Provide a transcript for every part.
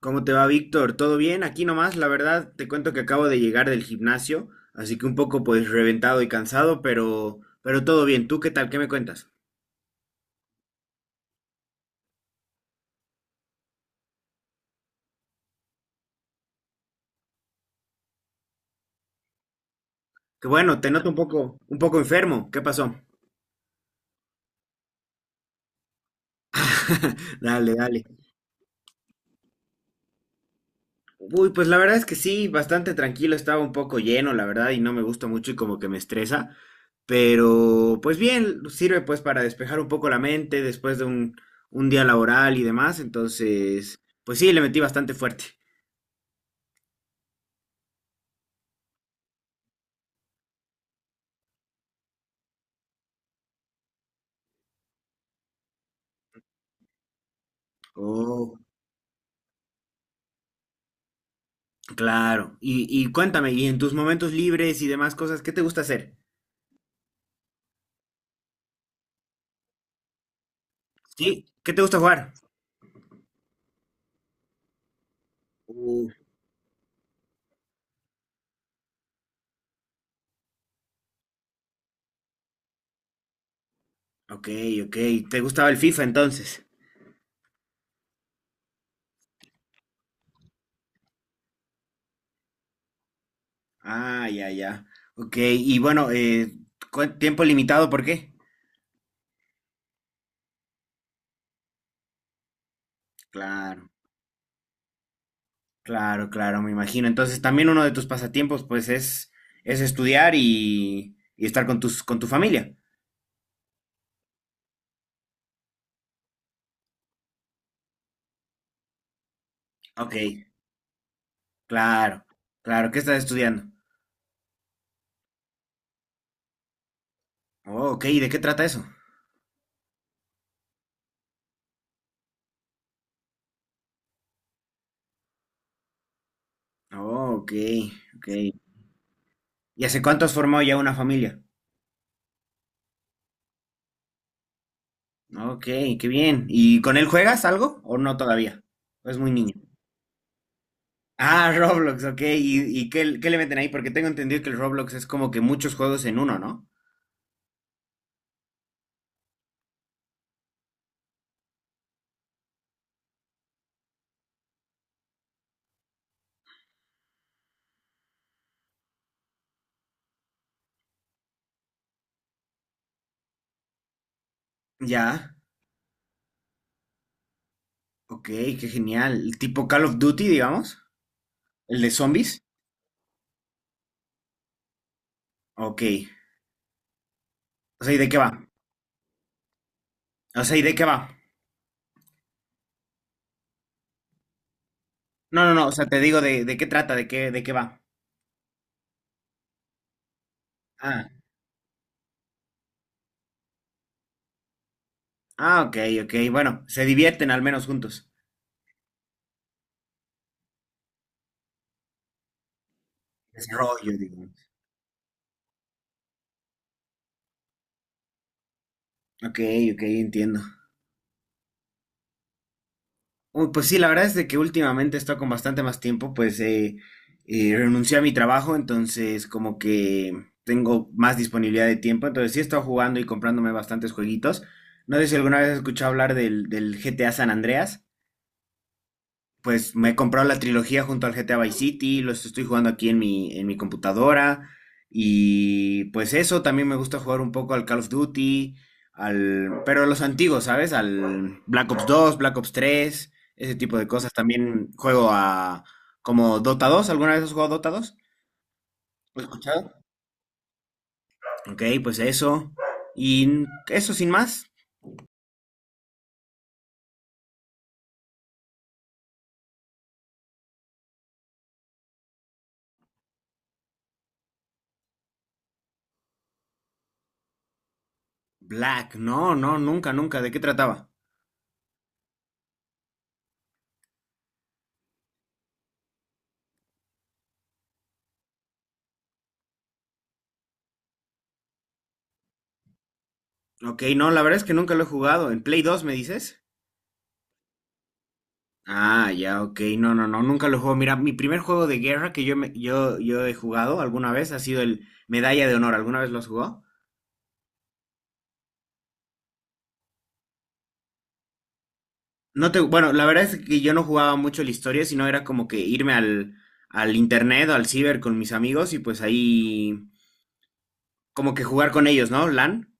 ¿Cómo te va, Víctor? ¿Todo bien? Aquí nomás, la verdad, te cuento que acabo de llegar del gimnasio, así que un poco pues reventado y cansado, pero todo bien. ¿Tú qué tal? ¿Qué me cuentas? Que bueno, te noto un poco enfermo. ¿Qué pasó? Dale, dale. Uy, pues la verdad es que sí, bastante tranquilo, estaba un poco lleno, la verdad, y no me gusta mucho y como que me estresa, pero pues bien, sirve pues para despejar un poco la mente después de un día laboral y demás, entonces, pues sí, le metí bastante fuerte. Oh. Claro. Y cuéntame, y en tus momentos libres y demás cosas, ¿qué te gusta hacer? ¿Sí? ¿Qué te gusta jugar? Uh, ok, ok. ¿Te gustaba el FIFA entonces? Ah, ya, ya. Ok, y bueno, tiempo limitado, ¿por qué? Claro, claro, claro, me imagino. Entonces también uno de tus pasatiempos, pues, es estudiar y estar con tus, con tu familia. Ok, claro, claro. ¿Qué estás estudiando? Oh, ok, ¿y de qué trata eso? Oh, ok, ok. ¿Y hace cuánto has formado ya una familia? Ok, qué bien. ¿Y con él juegas algo o no todavía? ¿O Es muy niño. Ah, Roblox, ok. Y qué, qué le meten ahí? Porque tengo entendido que el Roblox es como que muchos juegos en uno, ¿no? Ya, ok, qué genial. Tipo Call of Duty, digamos. El de zombies. Ok. O sea, ¿y de qué va? O sea, ¿y de qué va? No, no, no, o sea, te digo de qué trata, de, qué, de qué va. Ah, ah, ok, ok. Bueno, se divierten al menos juntos. Desarrollo, digo. Ok, ok, entiendo. Uy, pues sí, la verdad es de que últimamente he con bastante más tiempo, pues renuncié a mi trabajo, entonces como que tengo más disponibilidad de tiempo, entonces sí he estado jugando y comprándome bastantes jueguitos. No sé si alguna vez has escuchado hablar del GTA San Andreas. Pues me he comprado la trilogía junto al GTA Vice City, los estoy jugando aquí en mi computadora. Y pues eso, también me gusta jugar un poco al Call of Duty, al, pero los antiguos, ¿sabes? Al Black Ops 2, Black Ops 3, ese tipo de cosas. También juego a como Dota 2, ¿alguna vez has jugado Dota 2? ¿Lo has escuchado? Ok, pues eso. Y n- eso sin más. Black, no, no, nunca, nunca. ¿De qué trataba? Ok, no, la verdad es que nunca lo he jugado. ¿En Play 2 me dices? Ah, ya, ok. No, no, no, nunca lo juego. Mira, mi primer juego de guerra que yo he jugado alguna vez ha sido el Medalla de Honor. ¿Alguna vez lo has jugado? No te, bueno, la verdad es que yo no jugaba mucho la historia, sino era como que irme al internet o al ciber con mis amigos y pues ahí como que jugar con ellos, ¿no? LAN.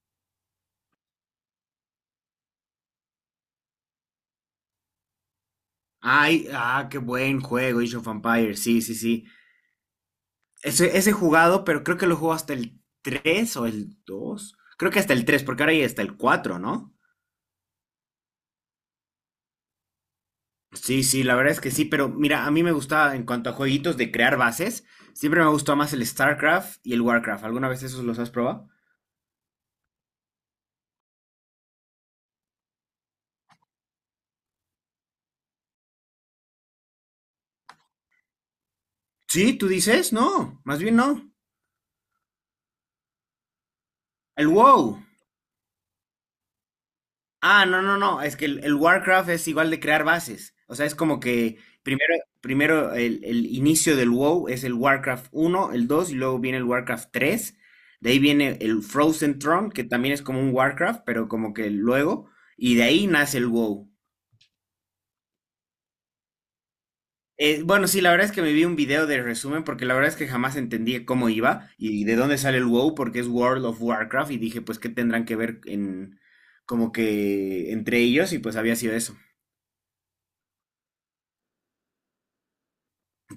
Ay, ah, qué buen juego, Age of Empires. Sí, sí, sí. Ese he jugado, pero creo que lo juego hasta el 3 o el 2. Creo que hasta el 3, porque ahora ya está el 4, ¿no? Sí, sí, la verdad es que sí, pero mira, a mí me gustaba en cuanto a jueguitos de crear bases, siempre me gustó más el StarCraft y el WarCraft. ¿Alguna vez esos los has probado? Sí, tú dices, no, más bien no. El WoW. Ah, no, no, no, es que el WarCraft es igual de crear bases. O sea, es como que primero, primero el inicio del WoW es el WarCraft uno, el 2 y luego viene el WarCraft 3. De ahí viene el Frozen Throne, que también es como un WarCraft, pero como que luego. Y de ahí nace el WoW. Bueno, sí, la verdad es que me vi un video de resumen porque la verdad es que jamás entendí cómo iba y de dónde sale el WoW porque es World of Warcraft y dije pues qué tendrán que ver en como que entre ellos y pues había sido eso.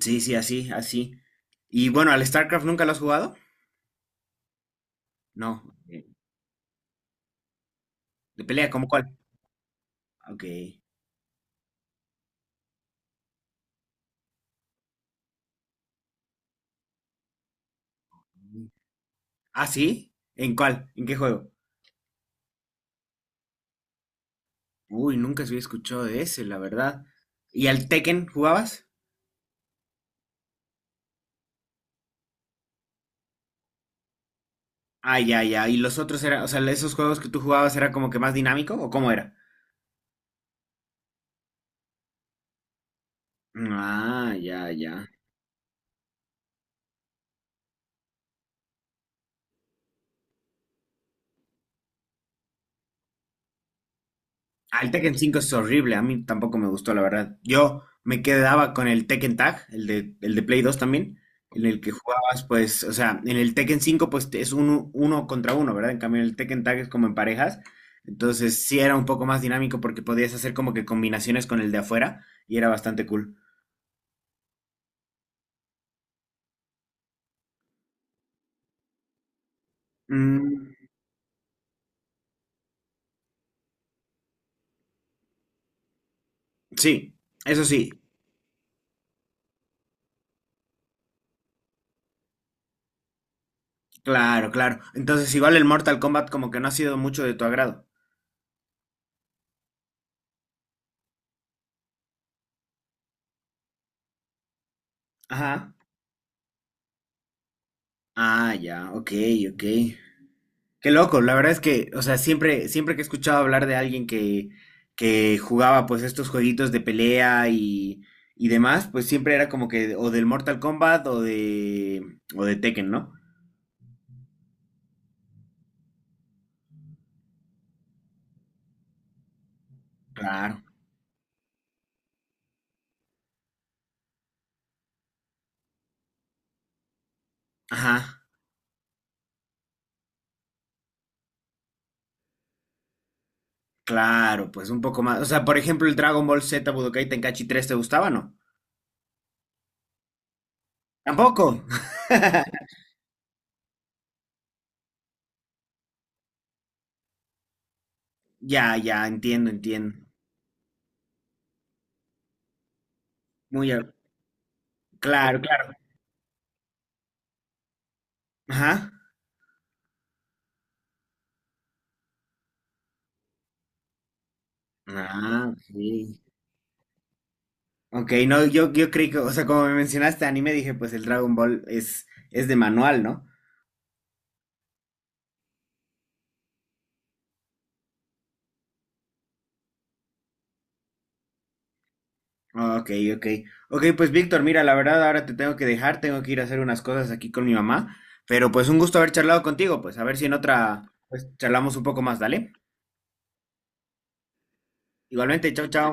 Sí, sí, así, así. Y bueno, ¿al StarCraft nunca lo has jugado? No. Eh, ¿De pelea? ¿Cómo cuál? Ok. ¿Ah, sí? ¿En cuál? ¿En qué juego? Uy, nunca se había escuchado de ese, la verdad. ¿Y al Tekken jugabas? Ah, ya, ya. ¿Y los otros eran, o sea, esos juegos que tú jugabas era como que más dinámico o cómo era? Mm, ah, ya, ya. Ah, el Tekken 5 es horrible, a mí tampoco me gustó, la verdad. Yo me quedaba con el Tekken Tag, el de Play 2 también, en el que jugabas, pues, o sea, en el Tekken 5, pues es uno contra uno, ¿verdad? En cambio, en el Tekken Tag es como en parejas. Entonces, sí era un poco más dinámico porque podías hacer como que combinaciones con el de afuera y era bastante cool. Mm, sí, eso sí, claro, claro. Entonces, igual el Mortal Kombat como que no ha sido mucho de tu agrado. Ajá. Ah, ya, ok, ok. Qué loco, la verdad es que, o sea, siempre, siempre que he escuchado hablar de alguien que jugaba pues estos jueguitos de pelea y demás, pues siempre era como que o del Mortal Kombat o de Tekken, ¿no? Claro. Ajá, claro, pues un poco más. O sea, por ejemplo, el Dragon Ball Z Budokai Tenkaichi tres, ¿te gustaba o no? Tampoco. Ya, ya, entiendo, entiendo. Muy, a- claro, claro. Ajá. Ah, sí. Ok, no, yo creí que, o sea, como me mencionaste anime, dije, pues el Dragon Ball es de manual, ¿no? Ah, ok, ok. Ok, pues Víctor, mira, la verdad ahora te tengo que dejar, tengo que ir a hacer unas cosas aquí con mi mamá, pero pues un gusto haber charlado contigo, pues a ver si en otra, pues charlamos un poco más, ¿dale? Igualmente, chao, chao.